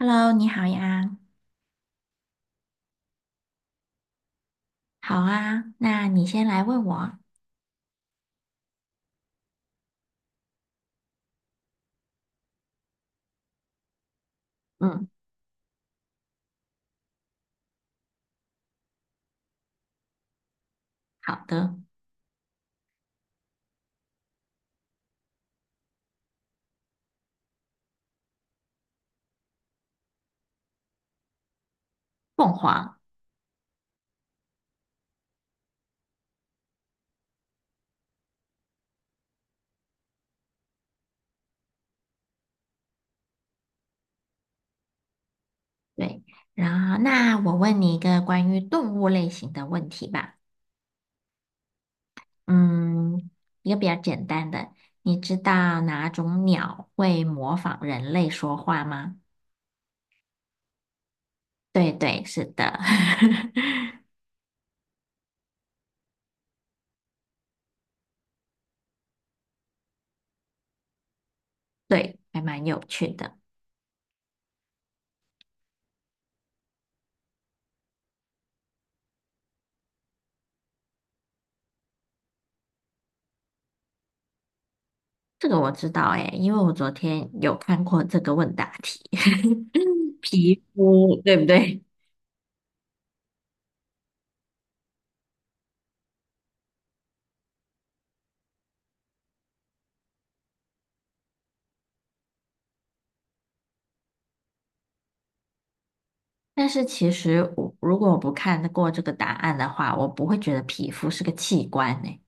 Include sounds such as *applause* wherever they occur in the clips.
Hello，你好呀。好啊，那你先来问我。嗯，好的，凤凰。对，然后那我问你一个关于动物类型的问题吧。嗯，一个比较简单的，你知道哪种鸟会模仿人类说话吗？对对，是的，*laughs* 对，还蛮有趣的。这个我知道诶，因为我昨天有看过这个问答题。*laughs* 皮肤，对不对？但是其实如果我不看过这个答案的话，我不会觉得皮肤是个器官呢。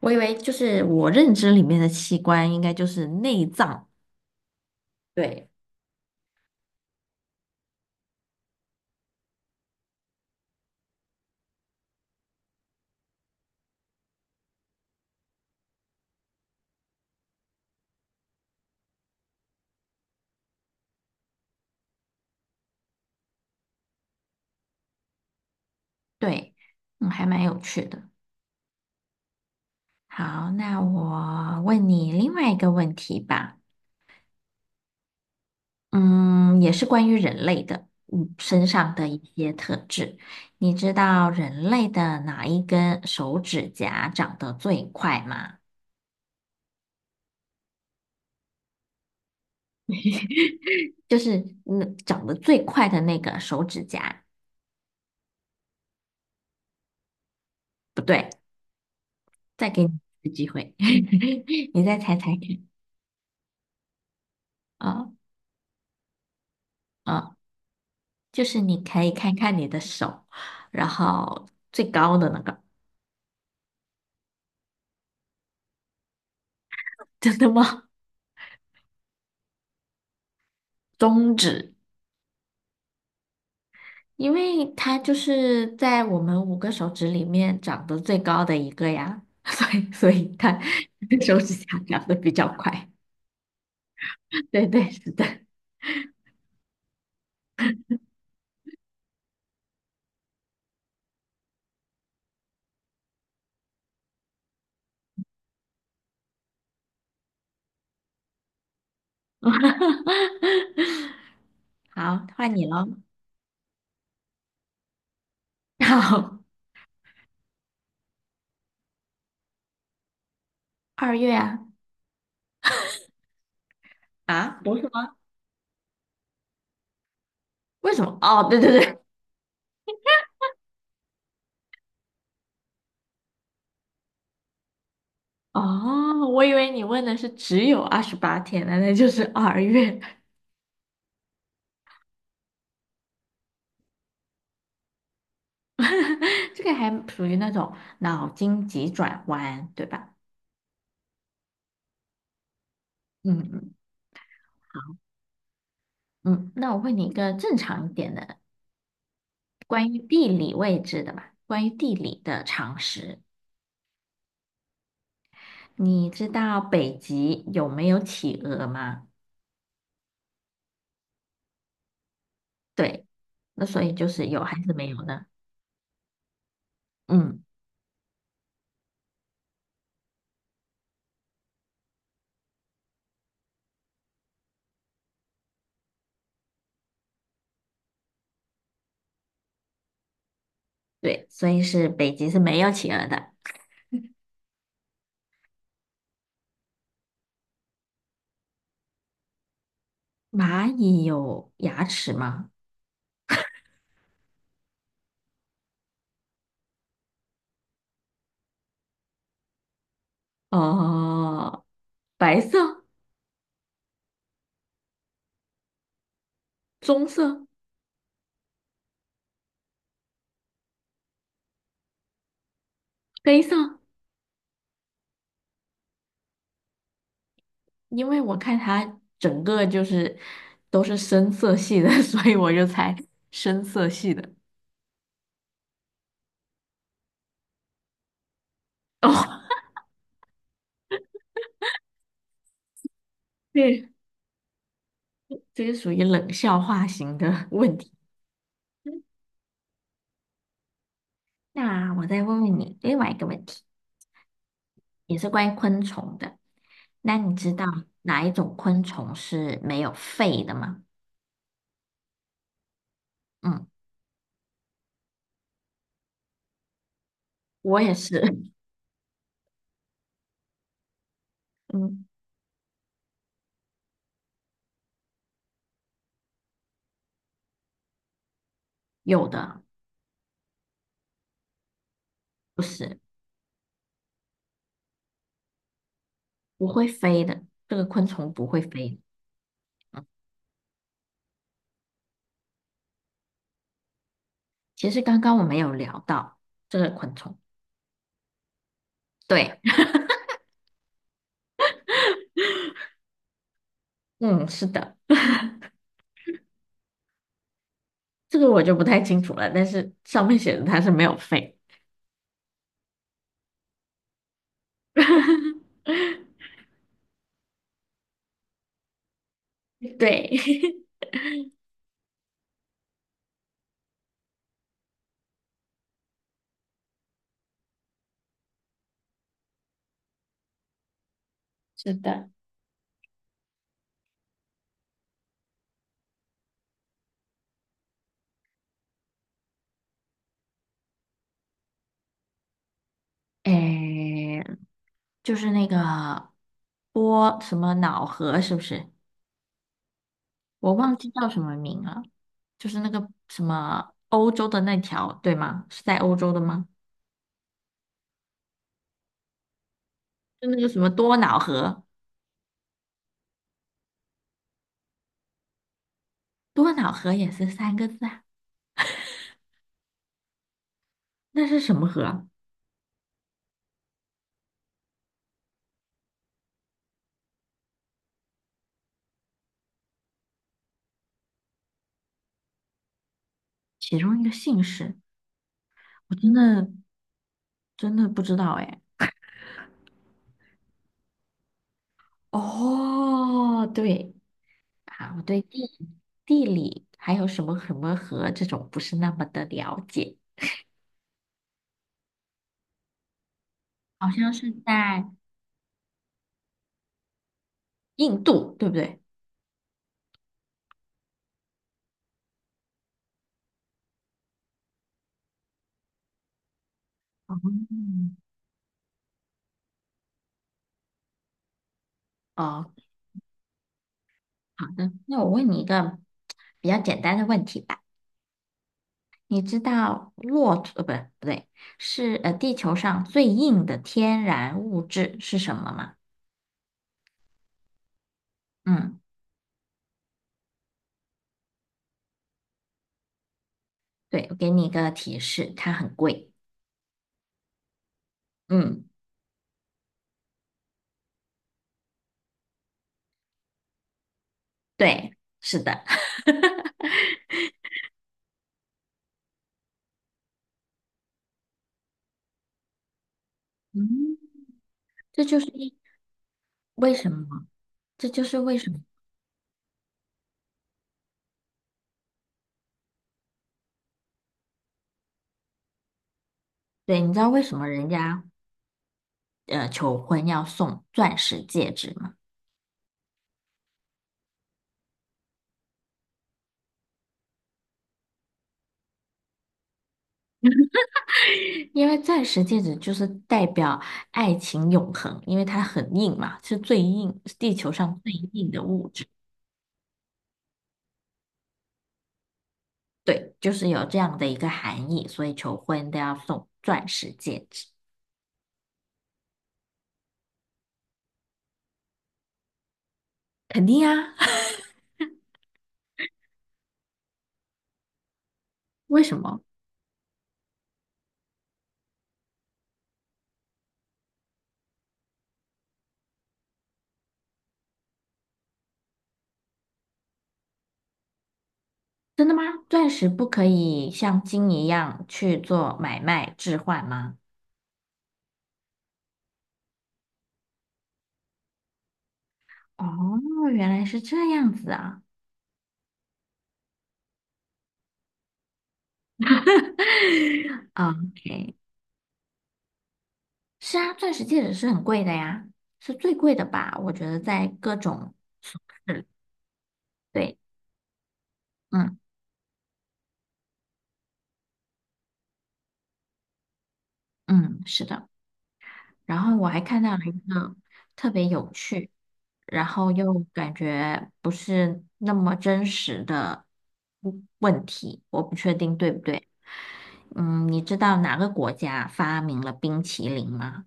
我以为就是我认知里面的器官应该就是内脏。对，对，嗯，还蛮有趣的。好，那我问你另外一个问题吧，嗯，也是关于人类的，身上的一些特质。你知道人类的哪一根手指甲长得最快吗？就是长得最快的那个手指甲。不对，再给你一次机会，*laughs* 你再猜猜看。啊、啊、就是你可以看看你的手，然后最高的那个，真的吗？中指，因为它就是在我们五个手指里面长得最高的一个呀，*laughs* 所以它 *laughs* 手指甲长得比较快。*laughs* 对对，是的。*laughs* 好，换你喽。*laughs* 好，二月啊。啊，不是吗？为什么？哦，对对对。哦，我以为你问的是只有28天呢，那就是二月，*laughs* 这个还属于那种脑筋急转弯，对吧？嗯嗯嗯，那我问你一个正常一点的，关于地理位置的吧，关于地理的常识，你知道北极有没有企鹅吗？对，那所以就是有还是没有呢？嗯，对，所以是北极是没有企鹅的。蚂蚁有牙齿吗？哦。白色、棕色、黑色，因为我看它整个就是都是深色系的，*laughs* 所以我就猜深色系的。哦，对，这是属于冷笑话型的 *laughs* 问题。那我再问问你另外一个问题，也是关于昆虫的。那你知道哪一种昆虫是没有肺的吗？嗯，我也是。*laughs* 嗯，有的，不是，不会飞的，这个昆虫不会飞。其实刚刚我们有聊到这个昆虫。对，*laughs* 嗯，是的，这个我就不太清楚了，但是上面写的它是没有肺 *laughs*。对，*laughs* 是的，诶，就是那个波什么脑河，是不是？我忘记叫什么名了，就是那个什么欧洲的那条，对吗？是在欧洲的吗？就那个什么多瑙河，多瑙河也是三个字啊，那是什么河啊。其中一个姓氏，我真的不知道哎。哦，对，啊，我对地理还有什么什么河这种不是那么的了解，好像是在印度，对不对？嗯，哦，好的，那我问你一个比较简单的问题吧。你知道骆驼，不对，不对，是地球上最硬的天然物质是什么吗？嗯，对，我给你一个提示，它很贵。嗯，对，是的，*laughs* 嗯这就是一为什么，这就是为什么。对，你知道为什么人家求婚要送钻石戒指吗？因为钻石戒指就是代表爱情永恒，因为它很硬嘛，是最硬，是地球上最硬的物质。对，就是有这样的一个含义，所以求婚都要送钻石戒指。肯定啊，*laughs* 为什么？真的吗？钻石不可以像金一样去做买卖置换吗？哦，原来是这样子啊。*laughs* OK。是啊，钻石戒指是很贵的呀，是最贵的吧？我觉得在各种首饰里，对，嗯嗯，是的。然后我还看到了一个特别有趣，然后又感觉不是那么真实的问题，我不确定对不对。嗯，你知道哪个国家发明了冰淇淋吗？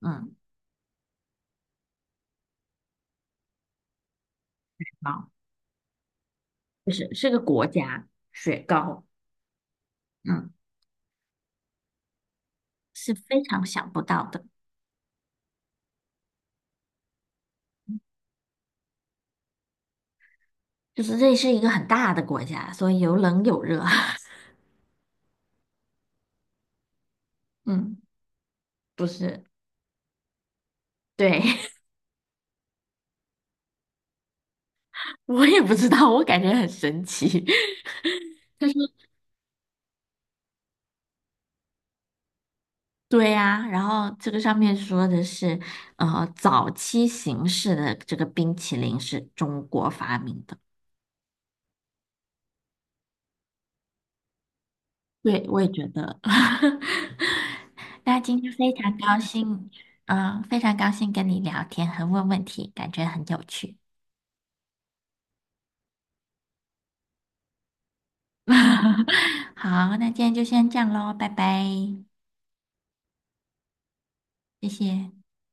嗯，好，就是是个国家，雪糕，嗯，是非常想不到的。就是这是一个很大的国家，所以有冷有热。*laughs* 嗯，不是，对，*laughs* 我也不知道，我感觉很神奇。*laughs* 对呀，然后这个上面说的是，呃，早期形式的这个冰淇淋是中国发明的。对，我也觉得。*laughs* 那今天非常高兴，非常高兴跟你聊天和问问题，感觉很有趣。*laughs* 好，那今天就先这样喽，拜拜，谢谢。